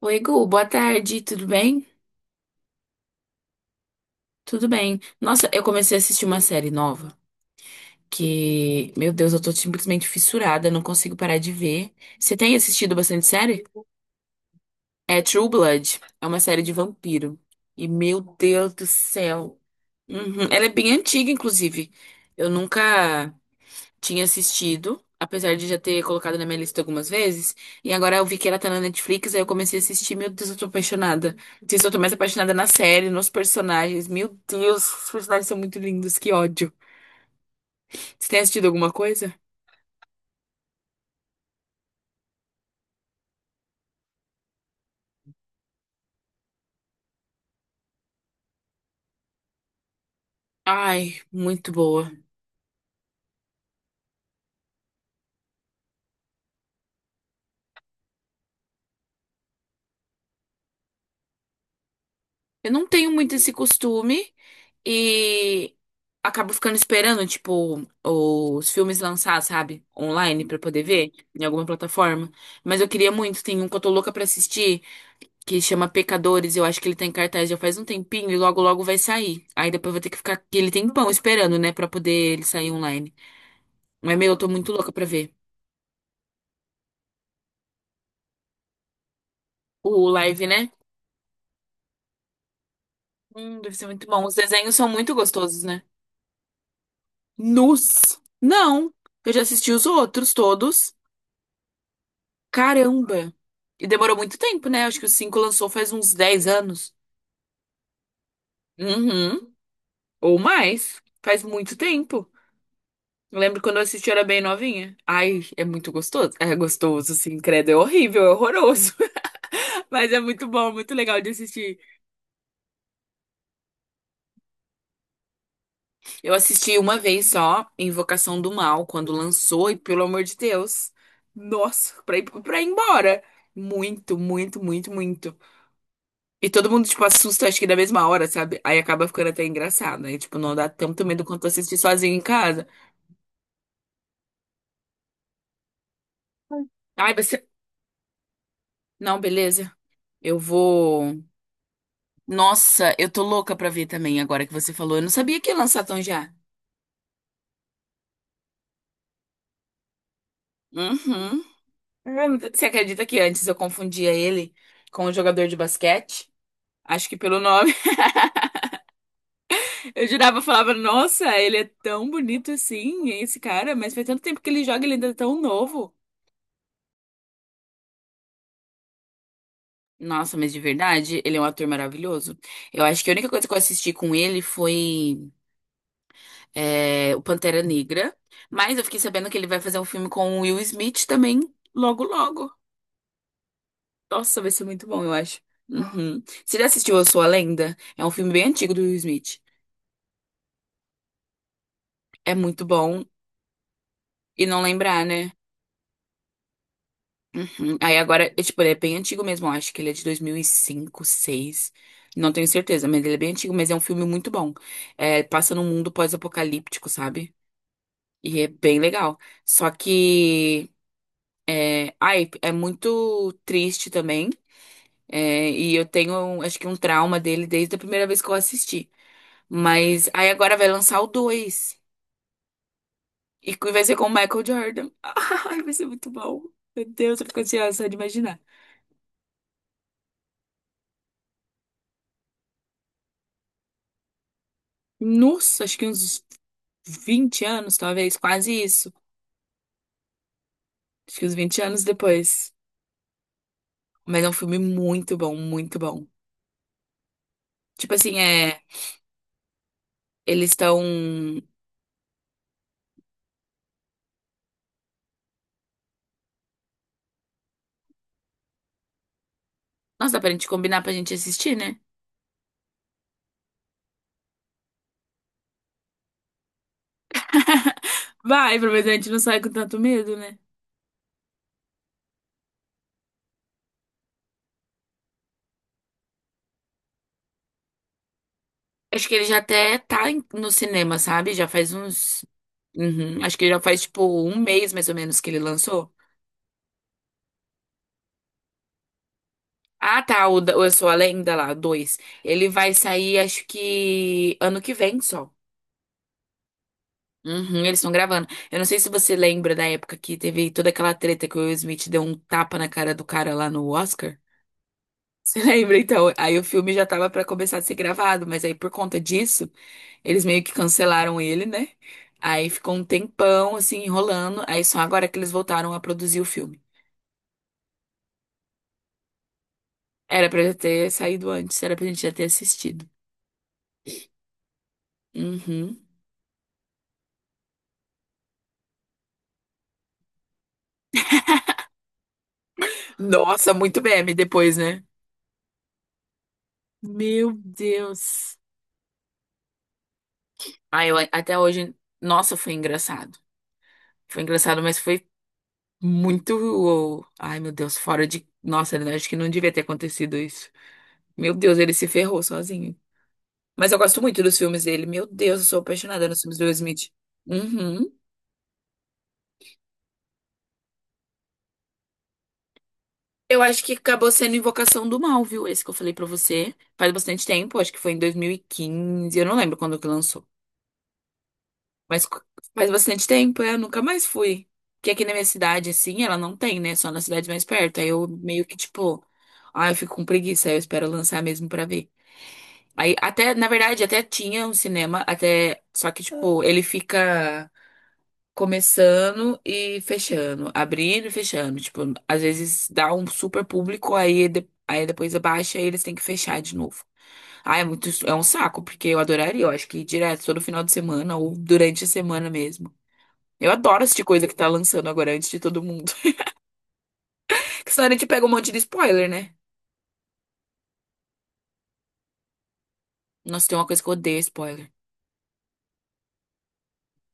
Oi, Gu, boa tarde, tudo bem? Tudo bem. Nossa, eu comecei a assistir uma série nova que, meu Deus, eu tô simplesmente fissurada, não consigo parar de ver. Você tem assistido bastante série? É True Blood, é uma série de vampiro. E, meu Deus do céu. Uhum, ela é bem antiga, inclusive. Eu nunca tinha assistido, apesar de já ter colocado na minha lista algumas vezes, e agora eu vi que ela tá na Netflix, aí eu comecei a assistir, meu Deus, eu tô apaixonada. Não sei se eu tô mais apaixonada na série, nos personagens. Meu Deus, os personagens são muito lindos, que ódio. Você tem assistido alguma coisa? Ai, muito boa. Eu não tenho muito esse costume e acabo ficando esperando, tipo, os filmes lançar, sabe? Online pra poder ver em alguma plataforma. Mas eu queria muito, tem um que eu tô louca pra assistir, que chama Pecadores. Eu acho que ele tá em cartaz já faz um tempinho e logo logo vai sair. Aí depois vai ter que ficar aquele tempão esperando, né, pra poder ele sair online. Mas, meu, eu tô muito louca pra ver. O live, né? Deve ser muito bom. Os desenhos são muito gostosos, né? Nus! Não! Eu já assisti os outros todos. Caramba! E demorou muito tempo, né? Acho que o 5 lançou faz uns 10 anos. Uhum. Ou mais. Faz muito tempo. Eu lembro quando eu assisti, eu era bem novinha. Ai, é muito gostoso. É gostoso, assim credo. É horrível, é horroroso. Mas é muito bom, muito legal de assistir. Eu assisti uma vez só, Invocação do Mal, quando lançou, e pelo amor de Deus. Nossa, pra ir embora. Muito, muito, muito, muito. E todo mundo, tipo, assusta, acho que da mesma hora, sabe? Aí acaba ficando até engraçado. Aí, tipo, não dá tanto medo quanto assistir sozinho em casa. Ai, você. Não, beleza. Eu vou. Nossa, eu tô louca pra ver também agora que você falou. Eu não sabia que ia lançar tão já. Uhum. Você acredita que antes eu confundia ele com um jogador de basquete? Acho que pelo nome. Eu jurava, eu falava, nossa, ele é tão bonito assim, esse cara, mas faz tanto tempo que ele joga, ele ainda é tão novo. Nossa, mas de verdade, ele é um ator maravilhoso. Eu acho que a única coisa que eu assisti com ele foi, é, o Pantera Negra, mas eu fiquei sabendo que ele vai fazer um filme com o Will Smith também, logo, logo. Nossa, vai ser muito bom, eu acho. Uhum. Você já assistiu Eu Sou a Lenda? É um filme bem antigo do Will Smith. É muito bom e não lembrar, né? Uhum. Aí agora, é, tipo, ele é bem antigo mesmo. Eu acho que ele é de 2005, seis. Não tenho certeza, mas ele é bem antigo. Mas é um filme muito bom. É, passa num mundo pós-apocalíptico, sabe? E é bem legal. Só que, ai, é muito triste também. É, e eu tenho, acho que um trauma dele desde a primeira vez que eu assisti. Mas aí agora vai lançar o dois, e que vai ser com o Michael Jordan. Ai, vai ser muito bom. Meu Deus, eu fico ansiosa só de imaginar. Nossa, acho que uns 20 anos, talvez, quase isso. Acho que uns 20 anos depois. Mas é um filme muito bom, muito bom. Tipo assim, é. Eles estão. Nossa, dá pra gente combinar pra gente assistir, né? Vai, pelo menos a gente não sai com tanto medo, né? Acho que ele já até tá no cinema, sabe? Já faz uns. Uhum, acho que já faz tipo um mês mais ou menos que ele lançou. Ah, tá. O Eu Sou a Lenda lá, dois. Ele vai sair, acho que ano que vem só. Uhum, eles estão gravando. Eu não sei se você lembra da época que teve toda aquela treta que o Will Smith deu um tapa na cara do cara lá no Oscar. Você lembra? Então, aí o filme já tava pra começar a ser gravado, mas aí por conta disso, eles meio que cancelaram ele, né? Aí ficou um tempão assim enrolando, aí só agora que eles voltaram a produzir o filme. Era pra já ter saído antes, era pra gente já ter assistido. Uhum. Nossa, muito meme depois, né? Meu Deus. Aí eu, até hoje, nossa, foi engraçado. Foi engraçado, mas foi muito, ai meu Deus, fora de, nossa, eu acho que não devia ter acontecido isso. Meu Deus, ele se ferrou sozinho. Mas eu gosto muito dos filmes dele. Meu Deus, eu sou apaixonada nos filmes do Will Smith. Uhum. Eu acho que acabou sendo Invocação do Mal, viu? Esse que eu falei pra você. Faz bastante tempo, acho que foi em 2015. Eu não lembro quando que lançou. Mas co- Faz bastante tempo, é, eu nunca mais fui. Porque aqui na minha cidade, assim, ela não tem, né? Só na cidade mais perto. Aí eu meio que, tipo, ah, eu fico com preguiça, aí eu espero lançar mesmo pra ver. Aí até, na verdade, até tinha um cinema, até. Só que, tipo, ele fica, começando e fechando, abrindo e fechando. Tipo, às vezes dá um super público, aí, aí depois abaixa e eles têm que fechar de novo. Ah, é muito, é um saco, porque eu adoraria, eu acho que direto, todo final de semana ou durante a semana mesmo. Eu adoro assistir coisa que tá lançando agora antes de todo mundo. Porque senão a gente pega um monte de spoiler, né? Nossa, tem uma coisa que eu odeio spoiler.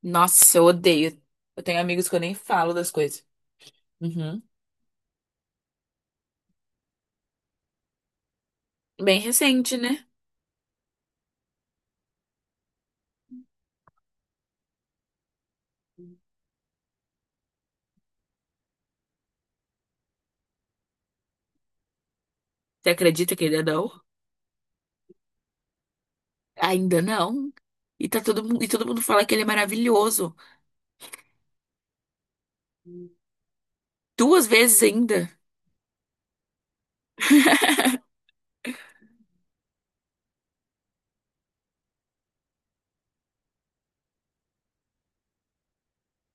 Nossa, eu odeio. Eu tenho amigos que eu nem falo das coisas. Uhum. Bem recente, né? Você acredita que ele é da U? Ainda não. E tá todo mundo, e todo mundo fala que ele é maravilhoso. Duas vezes ainda.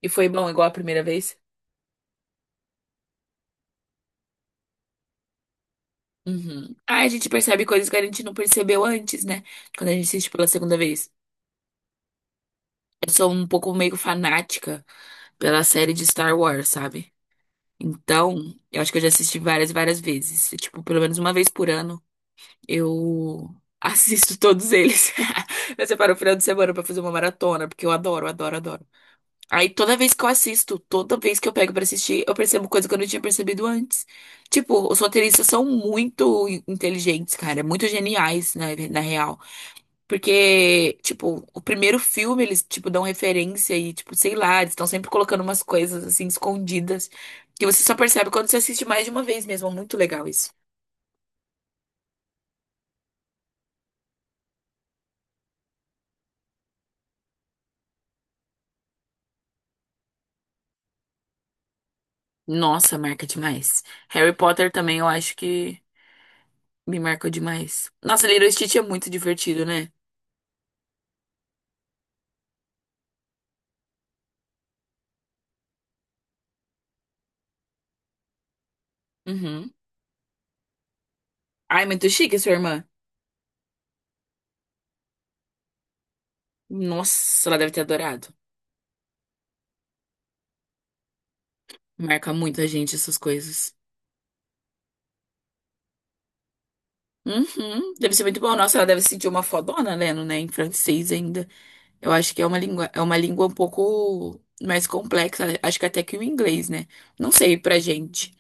E foi bom igual a primeira vez? Uhum. Ah, a gente percebe coisas que a gente não percebeu antes, né? Quando a gente assiste pela segunda vez. Eu sou um pouco meio fanática pela série de Star Wars, sabe? Então, eu acho que eu já assisti várias, e várias vezes. Tipo, pelo menos uma vez por ano, eu assisto todos eles. Eu separo o final de semana pra fazer uma maratona, porque eu adoro, adoro, adoro. Aí toda vez que eu assisto, toda vez que eu pego pra assistir, eu percebo coisa que eu não tinha percebido antes. Tipo, os roteiristas são muito inteligentes, cara, muito geniais, na real. Porque, tipo, o primeiro filme eles, tipo, dão referência e, tipo, sei lá, eles estão sempre colocando umas coisas assim escondidas que você só percebe quando você assiste mais de uma vez mesmo. É muito legal isso. Nossa, marca demais. Harry Potter também eu acho que me marcou demais. Nossa, Lilo e Stitch é muito divertido, né? Uhum. Ai, muito chique, a sua irmã. Nossa, ela deve ter adorado. Marca muito a gente essas coisas. Uhum, deve ser muito bom. Nossa, ela deve se sentir uma fodona lendo, né? Em francês ainda. Eu acho que é uma língua um pouco mais complexa. Acho que até que o inglês, né? Não sei pra gente.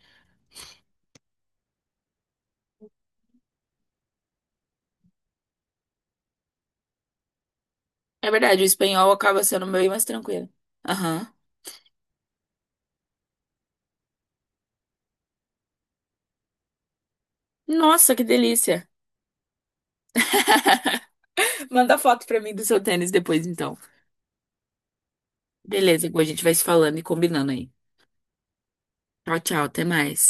É verdade, o espanhol acaba sendo meio mais tranquilo. Aham. Nossa, que delícia. Manda foto pra mim do seu tênis depois, então. Beleza, Gu, a gente vai se falando e combinando aí. Tchau, tchau, até mais.